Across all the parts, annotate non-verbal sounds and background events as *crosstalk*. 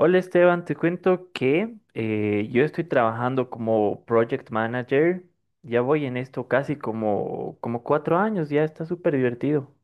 Hola Esteban, te cuento que yo estoy trabajando como project manager. Ya voy en esto casi como 4 años, ya está súper divertido.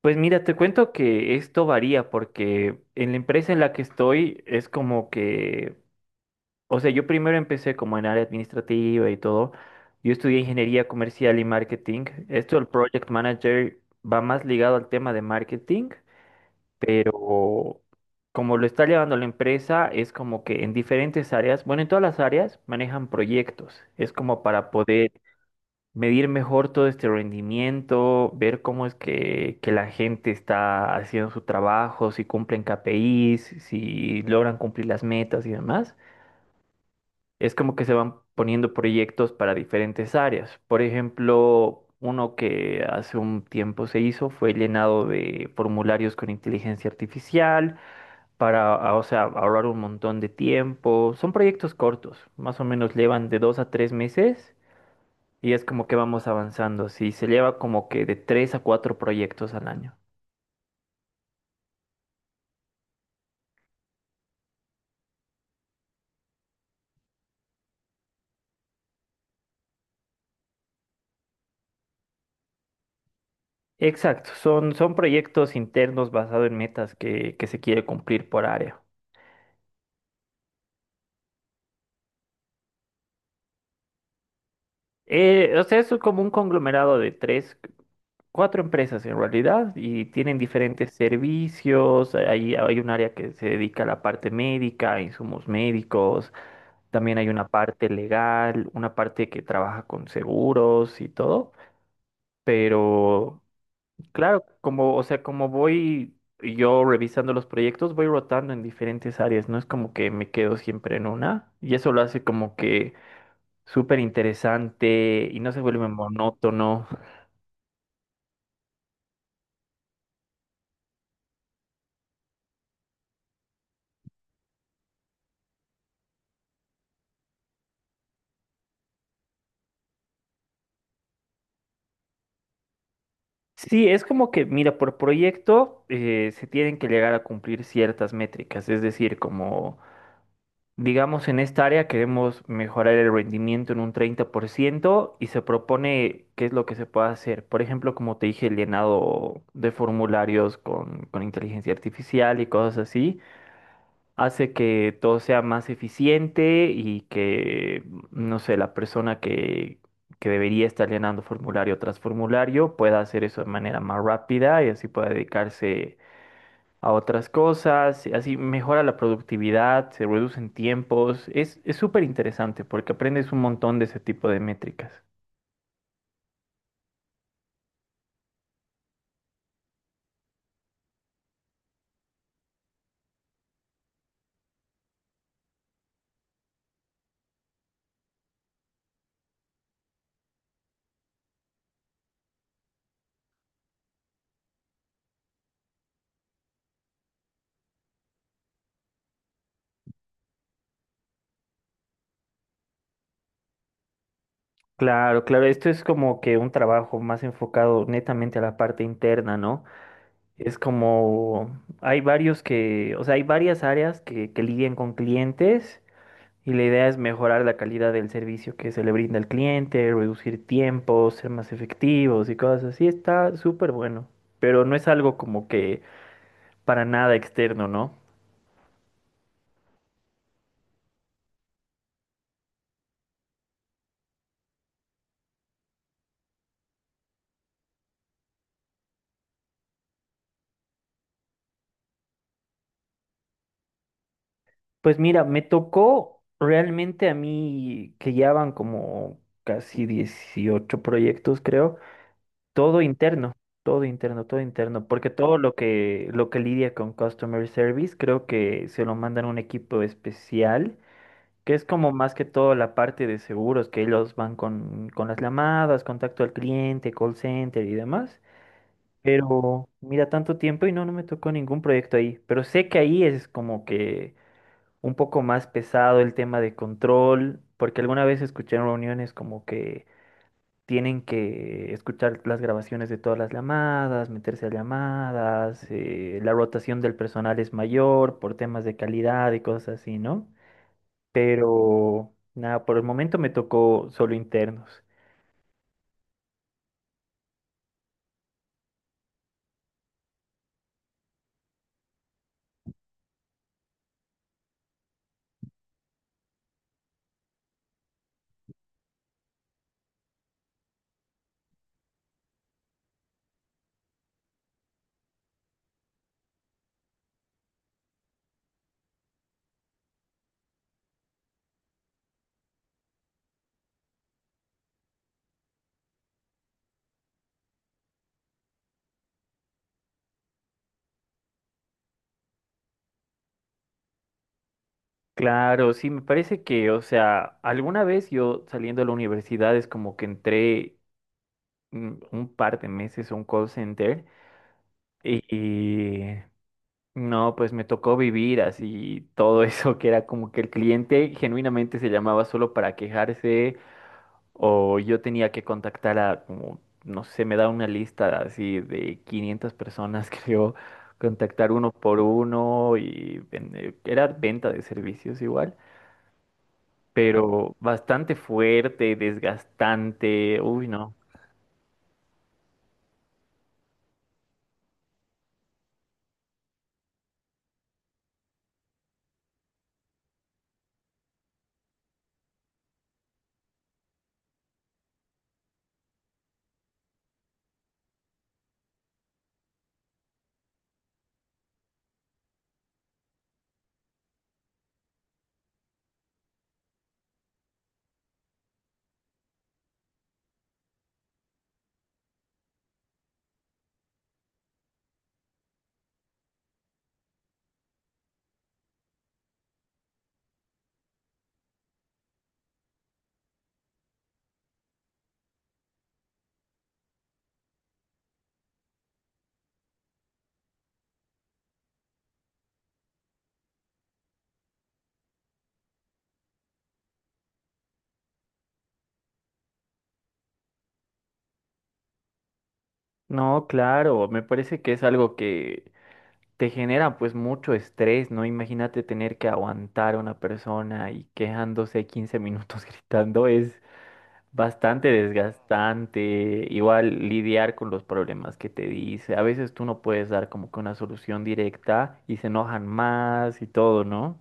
Pues mira, te cuento que esto varía porque en la empresa en la que estoy es como que, o sea, yo primero empecé como en área administrativa y todo. Yo estudié ingeniería comercial y marketing. Esto, el project manager va más ligado al tema de marketing. Pero como lo está llevando la empresa, es como que en diferentes áreas, bueno, en todas las áreas manejan proyectos. Es como para poder medir mejor todo este rendimiento, ver cómo es que la gente está haciendo su trabajo, si cumplen KPIs, si logran cumplir las metas y demás. Es como que se van poniendo proyectos para diferentes áreas. Por ejemplo, uno que hace un tiempo se hizo fue el llenado de formularios con inteligencia artificial, para, o sea, ahorrar un montón de tiempo. Son proyectos cortos, más o menos llevan de 2 a 3 meses y es como que vamos avanzando, sí, se lleva como que de tres a cuatro proyectos al año. Exacto, son proyectos internos basados en metas que se quiere cumplir por área. O sea, eso es como un conglomerado de tres, cuatro empresas en realidad y tienen diferentes servicios. Hay un área que se dedica a la parte médica, a insumos médicos. También hay una parte legal, una parte que trabaja con seguros y todo, pero claro, como, o sea, como voy yo revisando los proyectos, voy rotando en diferentes áreas, no es como que me quedo siempre en una, y eso lo hace como que súper interesante y no se vuelve monótono. Sí, es como que, mira, por proyecto se tienen que llegar a cumplir ciertas métricas, es decir, como digamos, en esta área queremos mejorar el rendimiento en un 30% y se propone qué es lo que se puede hacer. Por ejemplo, como te dije, el llenado de formularios con inteligencia artificial y cosas así, hace que todo sea más eficiente y que, no sé, la persona que debería estar llenando formulario tras formulario pueda hacer eso de manera más rápida y así pueda dedicarse a otras cosas, y así mejora la productividad, se reducen tiempos, es súper interesante porque aprendes un montón de ese tipo de métricas. Claro, claro, esto es como que un trabajo más enfocado netamente a la parte interna, ¿no? Es como, hay varios que, o sea, hay varias áreas que lidian con clientes y la idea es mejorar la calidad del servicio que se le brinda al cliente, reducir tiempos, ser más efectivos y cosas así. Está súper bueno, pero no es algo como que para nada externo, ¿no? Pues mira, me tocó realmente a mí que ya van como casi 18 proyectos, creo, todo interno, todo interno, todo interno, porque todo lo que lidia con customer service, creo que se lo mandan a un equipo especial, que es como más que todo la parte de seguros, que ellos van con las llamadas, contacto al cliente, call center y demás. Pero mira, tanto tiempo y no, no me tocó ningún proyecto ahí. Pero sé que ahí es como que un poco más pesado el tema de control, porque alguna vez escuché en reuniones como que tienen que escuchar las grabaciones de todas las llamadas, meterse a llamadas, la rotación del personal es mayor por temas de calidad y cosas así, ¿no? Pero nada, por el momento me tocó solo internos. Claro, sí, me parece que, o sea, alguna vez yo saliendo de la universidad es como que entré un par de meses a un call center y, no, pues me tocó vivir así todo *laughs* eso, que era como que el cliente genuinamente se llamaba solo para quejarse o yo tenía que contactar a como, no sé, me da una lista así de 500 personas, *laughs* creo, contactar uno por uno y era venta de servicios igual, pero bastante fuerte, desgastante, uy, no. No, claro, me parece que es algo que te genera pues mucho estrés, ¿no? Imagínate tener que aguantar a una persona y quejándose 15 minutos *laughs* gritando es bastante desgastante. Igual lidiar con los problemas que te dice. A veces tú no puedes dar como que una solución directa y se enojan más y todo, ¿no?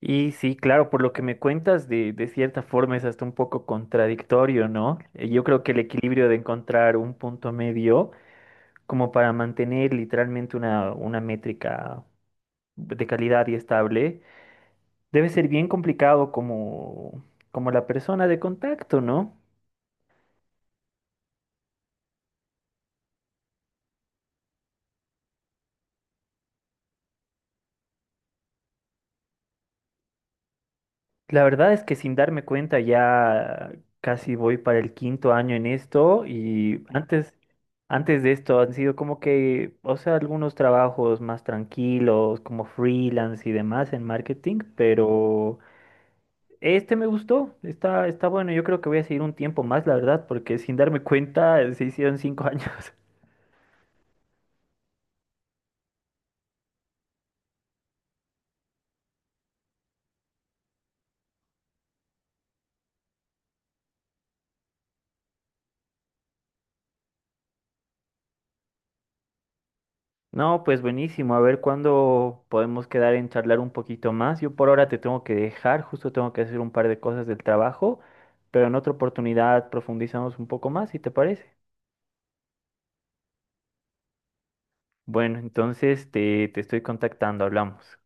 Y sí, claro, por lo que me cuentas, de cierta forma es hasta un poco contradictorio, ¿no? Yo creo que el equilibrio de encontrar un punto medio como para mantener literalmente una métrica de calidad y estable, debe ser bien complicado como, como la persona de contacto, ¿no? La verdad es que sin darme cuenta ya casi voy para el quinto año en esto y antes de esto han sido como que, o sea, algunos trabajos más tranquilos, como freelance y demás en marketing, pero este me gustó, está bueno, yo creo que voy a seguir un tiempo más, la verdad, porque sin darme cuenta se hicieron cinco *laughs* años. No, pues buenísimo. A ver cuándo podemos quedar en charlar un poquito más. Yo por ahora te tengo que dejar, justo tengo que hacer un par de cosas del trabajo, pero en otra oportunidad profundizamos un poco más, si te parece. Bueno, entonces te estoy contactando, hablamos.